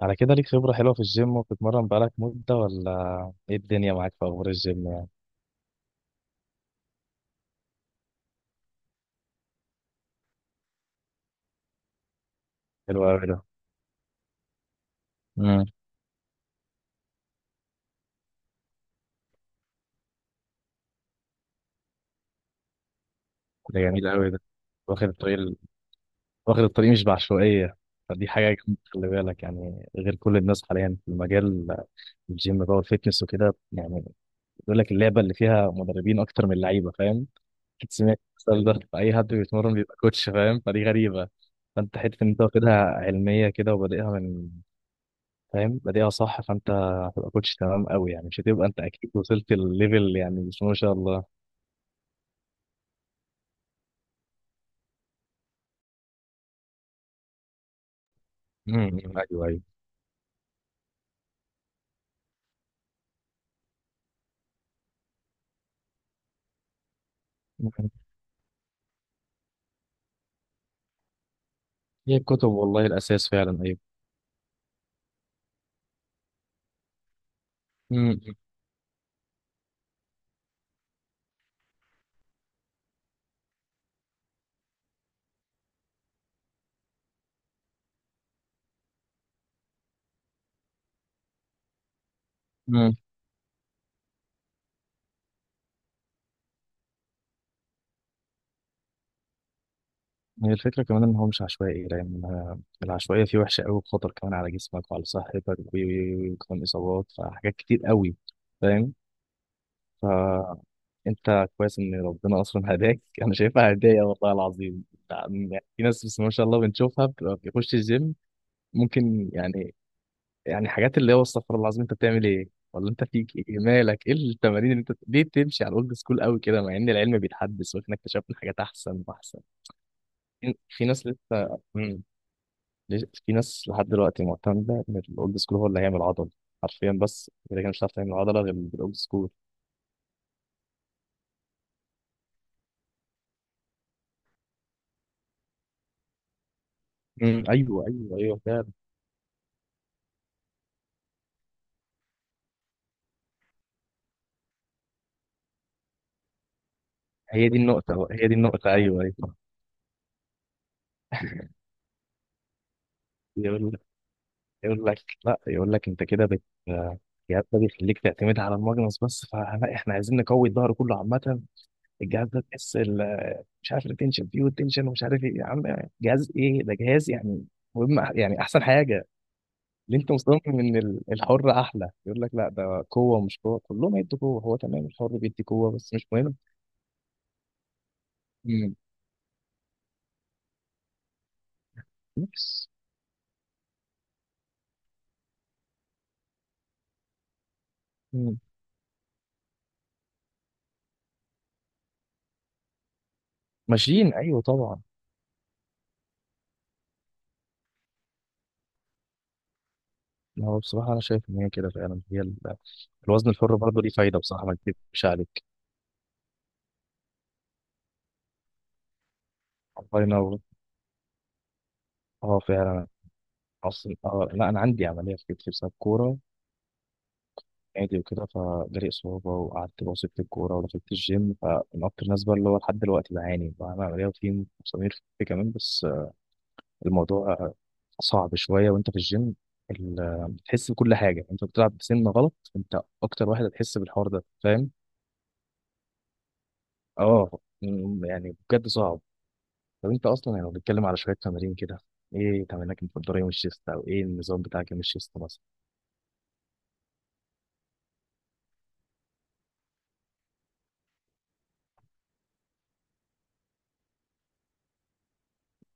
على كده، ليك خبرة حلوة في الجيم وبتتمرن بقالك مدة، ولا ايه، الدنيا معاك في أخبار الجيم؟ يعني حلو أوي ده. امم. ده جميل أوي ده. واخد الطريق ال- واخد الطريق مش بعشوائية. فدي حاجة جامدة، خلي بالك يعني، غير كل الناس حاليا في المجال، الجيم بقى والفيتنس وكده يعني. بيقول لك اللعبة اللي فيها مدربين أكتر من لعيبة، فاهم؟ أكيد سمعت المثال ده، فأي حد بيتمرن بيبقى كوتش، فاهم، فدي غريبة. فأنت حتة إن أنت واخدها علمية كده وبادئها من، فاهم، بادئها صح، فانت هتبقى كوتش تمام قوي، يعني مش هتبقى انت، اكيد وصلت الليفل يعني، بسم الله ما شاء الله. ايوه ايوه. أمم. هي الكتب والله الاساس فعلا، ايوه. امم. أمم. هي الفكره كمان ان هو مش عشوائي، لان العشوائيه فيه وحشه قوي، بخطر كمان على جسمك وعلى صحتك، وكمان اصابات، فحاجات كتير قوي، فاهم؟ فانت كويس ان ربنا اصلا هداك، انا شايفها هدايا والله العظيم. يعني في ناس، بس ما شاء الله بنشوفها، بتبقى بيخش الجيم ممكن يعني، يعني حاجات اللي هو استغفر الله العظيم، انت بتعمل ايه ولا انت فيك ايه، مالك، ايه التمارين اللي انت ليه بتمشي على الاولد سكول قوي كده، مع ان العلم بيتحدث واحنا اكتشفنا حاجات احسن واحسن. في ناس لسه. مم. في ناس لحد دلوقتي معتمده ان الاولد سكول هو اللي هيعمل عضل حرفيا، بس اذا كان مش هتعرف تعمل عضله غير بالاولد سكول. مم ايوه ايوه ايوه فعلا. هي دي النقطه بقى، هي دي النقطه، ايوه ايوه. يقول لك يقول لك لا، يقول لك انت كده بت، يا ده بيخليك تعتمد على الماجنس بس، فلا احنا عايزين نقوي الظهر كله عامه. الجهاز ده تحس مش عارف التنشن فيه والتنشن، ومش عارف ايه، يا عم جهاز ايه ده؟ جهاز يعني مهم، يعني احسن حاجه اللي انت مصمم ان الحر احلى. يقول لك لا، ده قوه مش قوه، كلهم هيدوا قوه، هو تمام الحر بيدي قوه بس مش مهم. امم. بس. امم. ماشيين ايوه طبعا. ما هو بصراحه انا شايف ان هي كده فعلا، هي الوزن الحر برضه ليه فايده، بصراحه ما اكذبش عليك. الله ينور. اه فعلا. اصلا اه لا، انا عندي عمليه في كتفي بسبب كوره، عادي وكده، فجالي إصابة وقعدت باصي في الكورة ودخلت الجيم، فمن أكتر الناس بقى اللي هو لحد دلوقتي بعاني، بعمل عملية وفي مسامير في كمان، بس الموضوع صعب شوية وأنت في الجيم، بتحس بكل حاجة، أنت بتلعب بسن غلط، أنت أكتر واحد هتحس بالحوار ده، فاهم؟ أه، يعني بجد صعب. طب أنت أصلا يعني لو بنتكلم على شوية تمارين كده، إيه تمارينك المفضلة يوم الشيست، أو إيه النظام بتاعك يوم الشيست مثلا؟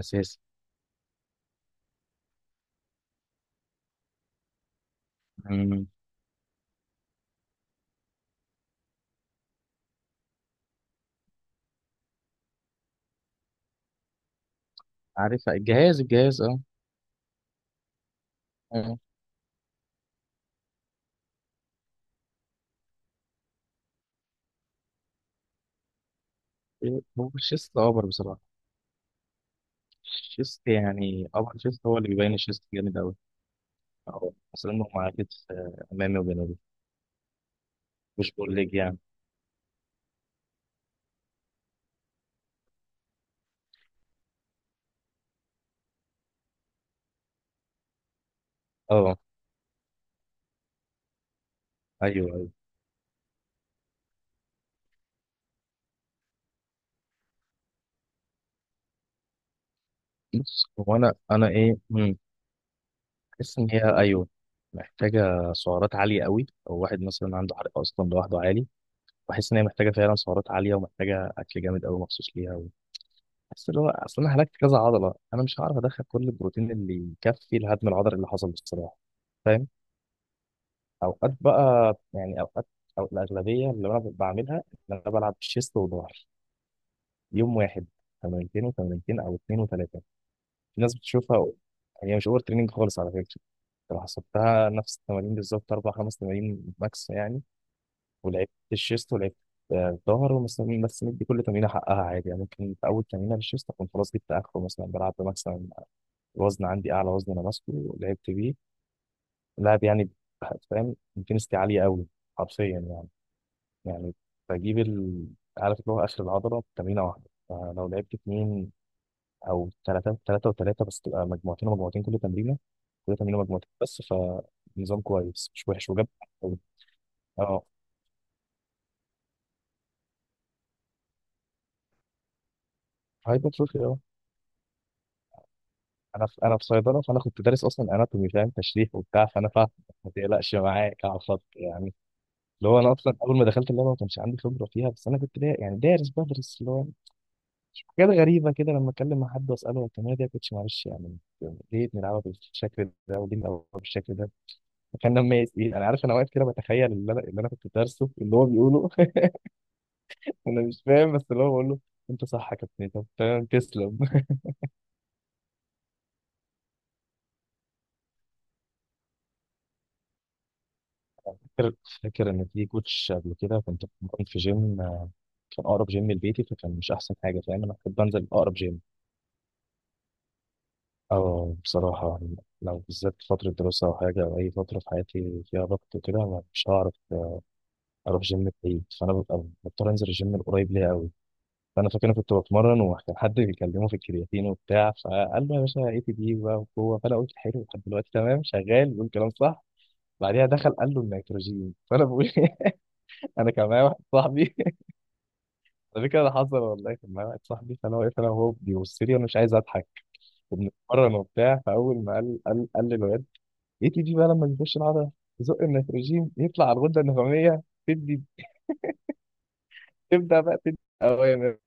أساسي. مم. عارف الجهاز، أه. آه. هو الشيست أوبر بصراحة. الشيست يعني، الشيست هو اللي بيبين، الشيست جامد قوي. اه، اصل انه مع كتف، امامي وجنبي. مش بقول لك يعني. اه ايوه ايوه. بص، هو انا ايه، بحس ان هي، ايوه، محتاجه سعرات عاليه قوي، او واحد مثلا عنده حرق اصلا لوحده عالي. بحس ان هي محتاجه فعلا سعرات عاليه، ومحتاجه اكل جامد قوي مخصوص ليها. بحس اللي هو اصل انا هلكت كذا عضله، انا مش هعرف ادخل كل البروتين اللي يكفي الهدم العضلي اللي حصل بصراحه، فاهم؟ اوقات بقى يعني، اوقات او الاغلبيه اللي انا بعملها، ان انا بلعب شيست وظهر يوم واحد، تمرينتين وتمرينتين او اتنين وتلاته. في ناس بتشوفها، هي مش اوفر تريننج خالص على فكره. لو حسبتها نفس التمارين بالظبط، اربع خمس تمارين ماكس يعني، ولعبت الشيست ولعبت الظهر ومثلا، بس مدي كل تمرينه حقها عادي يعني، ممكن في اول تمرينه للشيست اكون خلاص جبت اخره، مثلا بلعب مثلا وزن عندي، اعلى وزن انا ماسكه ولعبت بيه لعب يعني، فاهم، انتنستي عاليه قوي حرفيا يعني. يعني بجيب عارف اللي هو آخر العضلة بتمرينة واحدة، فلو لعبت اتنين أو تلاتة، تلاتة وتلاتة بس، تبقى مجموعتين ومجموعتين، كل تمرينة، كل تمرينة مجموعتين بس. فنظام كويس مش وحش وجاب. اه، هايبرتروفي، اه. أنا في صيدلة، فأنا كنت دارس أصلا أناتومي، فاهم تشريح وبتاع، فأنا فاهم. ما تقلقش، معاك على الخط يعني. اللي هو أنا أصلا أول ما دخلت اللعبة ما كانش عندي خبرة فيها، بس أنا كنت يعني دارس بدرس اللي هو حاجات غريبة كده. لما أتكلم مع حد وأسأله، هو التمرينة دي يا كوتش معلش يعني، ليه بنلعبها بالشكل ده وليه بنلعبها بالشكل ده؟ فكان لما إيه أنا عارف، أنا واقف كده بتخيل، اللي أنا كنت دارسه اللي هو بيقوله أنا مش فاهم، بس اللي هو بقول له أنت صح يا كابتن، طب تمام، تسلم. فاكر فاكر إن في كوتش قبل كده كنت بتمرن في جيم، كان أقرب جيم لبيتي، فكان مش أحسن حاجة، فاهم، أنا كنت بنزل أقرب جيم. أه بصراحة، لو بالذات في فترة دراسة أو حاجة، أو أي فترة في حياتي فيها ضغط وكده، أنا مش هعرف اروح جيم بعيد، فانا ببقى مضطر انزل الجيم القريب ليا قوي. فانا فاكر انا كنت بتمرن، وكان حد بيكلمه في الكرياتين وبتاع، فقال له يا باشا ATD بقى وقوه، فانا قلت حلو، لحد دلوقتي تمام، شغال بيقول كلام صح. بعديها دخل قال له النيتروجين، فانا بقول انا كان معايا واحد صاحبي ده كده اللي حصل والله. كان معايا واحد صاحبي، فانا واقف انا وهو بيبص لي، وانا مش عايز اضحك، وبنتمرن وبتاع. فاول ما قال للواد ATD بقى لما بيخش العضله، تزق النيتروجين، يطلع على الغده النخاميه، تدي تبدا بقى تدي اوامر.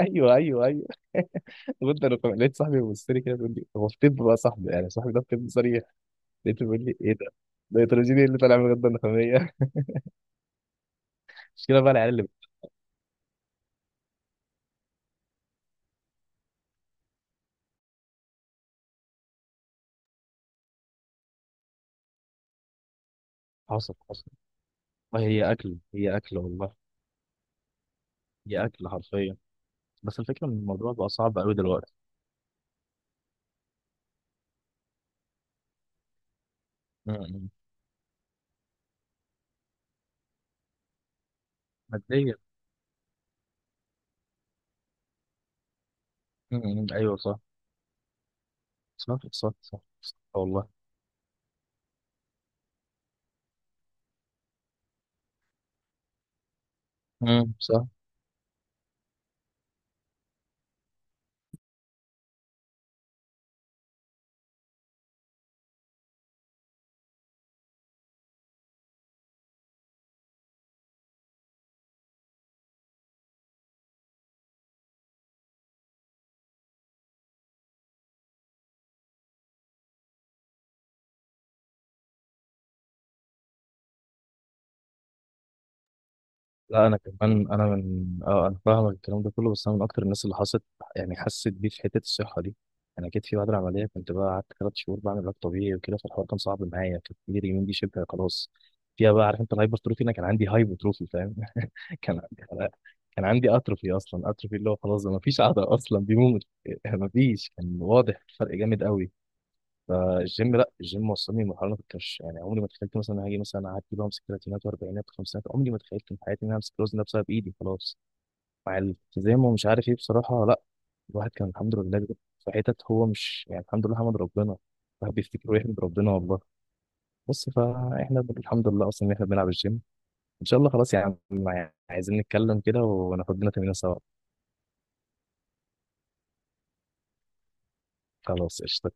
ايوه ايوه ايوه لقيت صاحبي بيبص لي كده، بيقول لي، هو في طب بقى صاحبي يعني، صاحبي ده في طب صريح، لقيته بيقول لي ايه ده؟ ده نيتروجيني اللي طالع من الغده النخاميه المشكله بقى العيال اللي... حصل حصل والله. هي اكل، هي اكل والله، هي اكل حرفيا. بس الفكره ان الموضوع بقى صعب قوي دلوقتي. م- م. ماديا. م- م. ايوه صح. صح صح صح صح، والله. صح. لا، انا كمان، انا من انا فاهمك الكلام ده كله، بس انا من اكتر الناس اللي حست، يعني حست بيه في حته الصحه دي. انا جيت في بعد العمليه، كنت بقى قعدت 3 شهور بعمل علاج طبيعي وكده، فالحوار كان صعب معايا، كانت ايدي اليمين دي شبه خلاص فيها بقى، عارف انت الهايبرتروفي، انا كان عندي هايبرتروفي فاهم، كان عندي كان عندي اتروفي، اصلا اتروفي اللي هو خلاص ما فيش عضله اصلا، بيموت ما فيش، كان واضح فرق جامد قوي. فالجيم، لا، الجيم وصلني لمرحله انا كنت مش يعني، عمري ما تخيلت مثلا هاجي مثلا اعدي بمسك ثلاثينات واربعينات وخمسينات، عمري ما تخيلت في حياتي ان انا امسك الوزن ده بسبب ايدي خلاص، مع الالتزام ومش عارف ايه بصراحه. لا، الواحد كان الحمد لله في حتت، هو مش يعني، الحمد لله، حمد ربنا، الواحد بيفتكر ويحمد ربنا والله. بس فاحنا الحمد لله اصلا ان احنا بنلعب الجيم. ان شاء الله. خلاص يا عم، عايزين نتكلم كده وناخد لنا تمرين سوا. خلاص قشطة.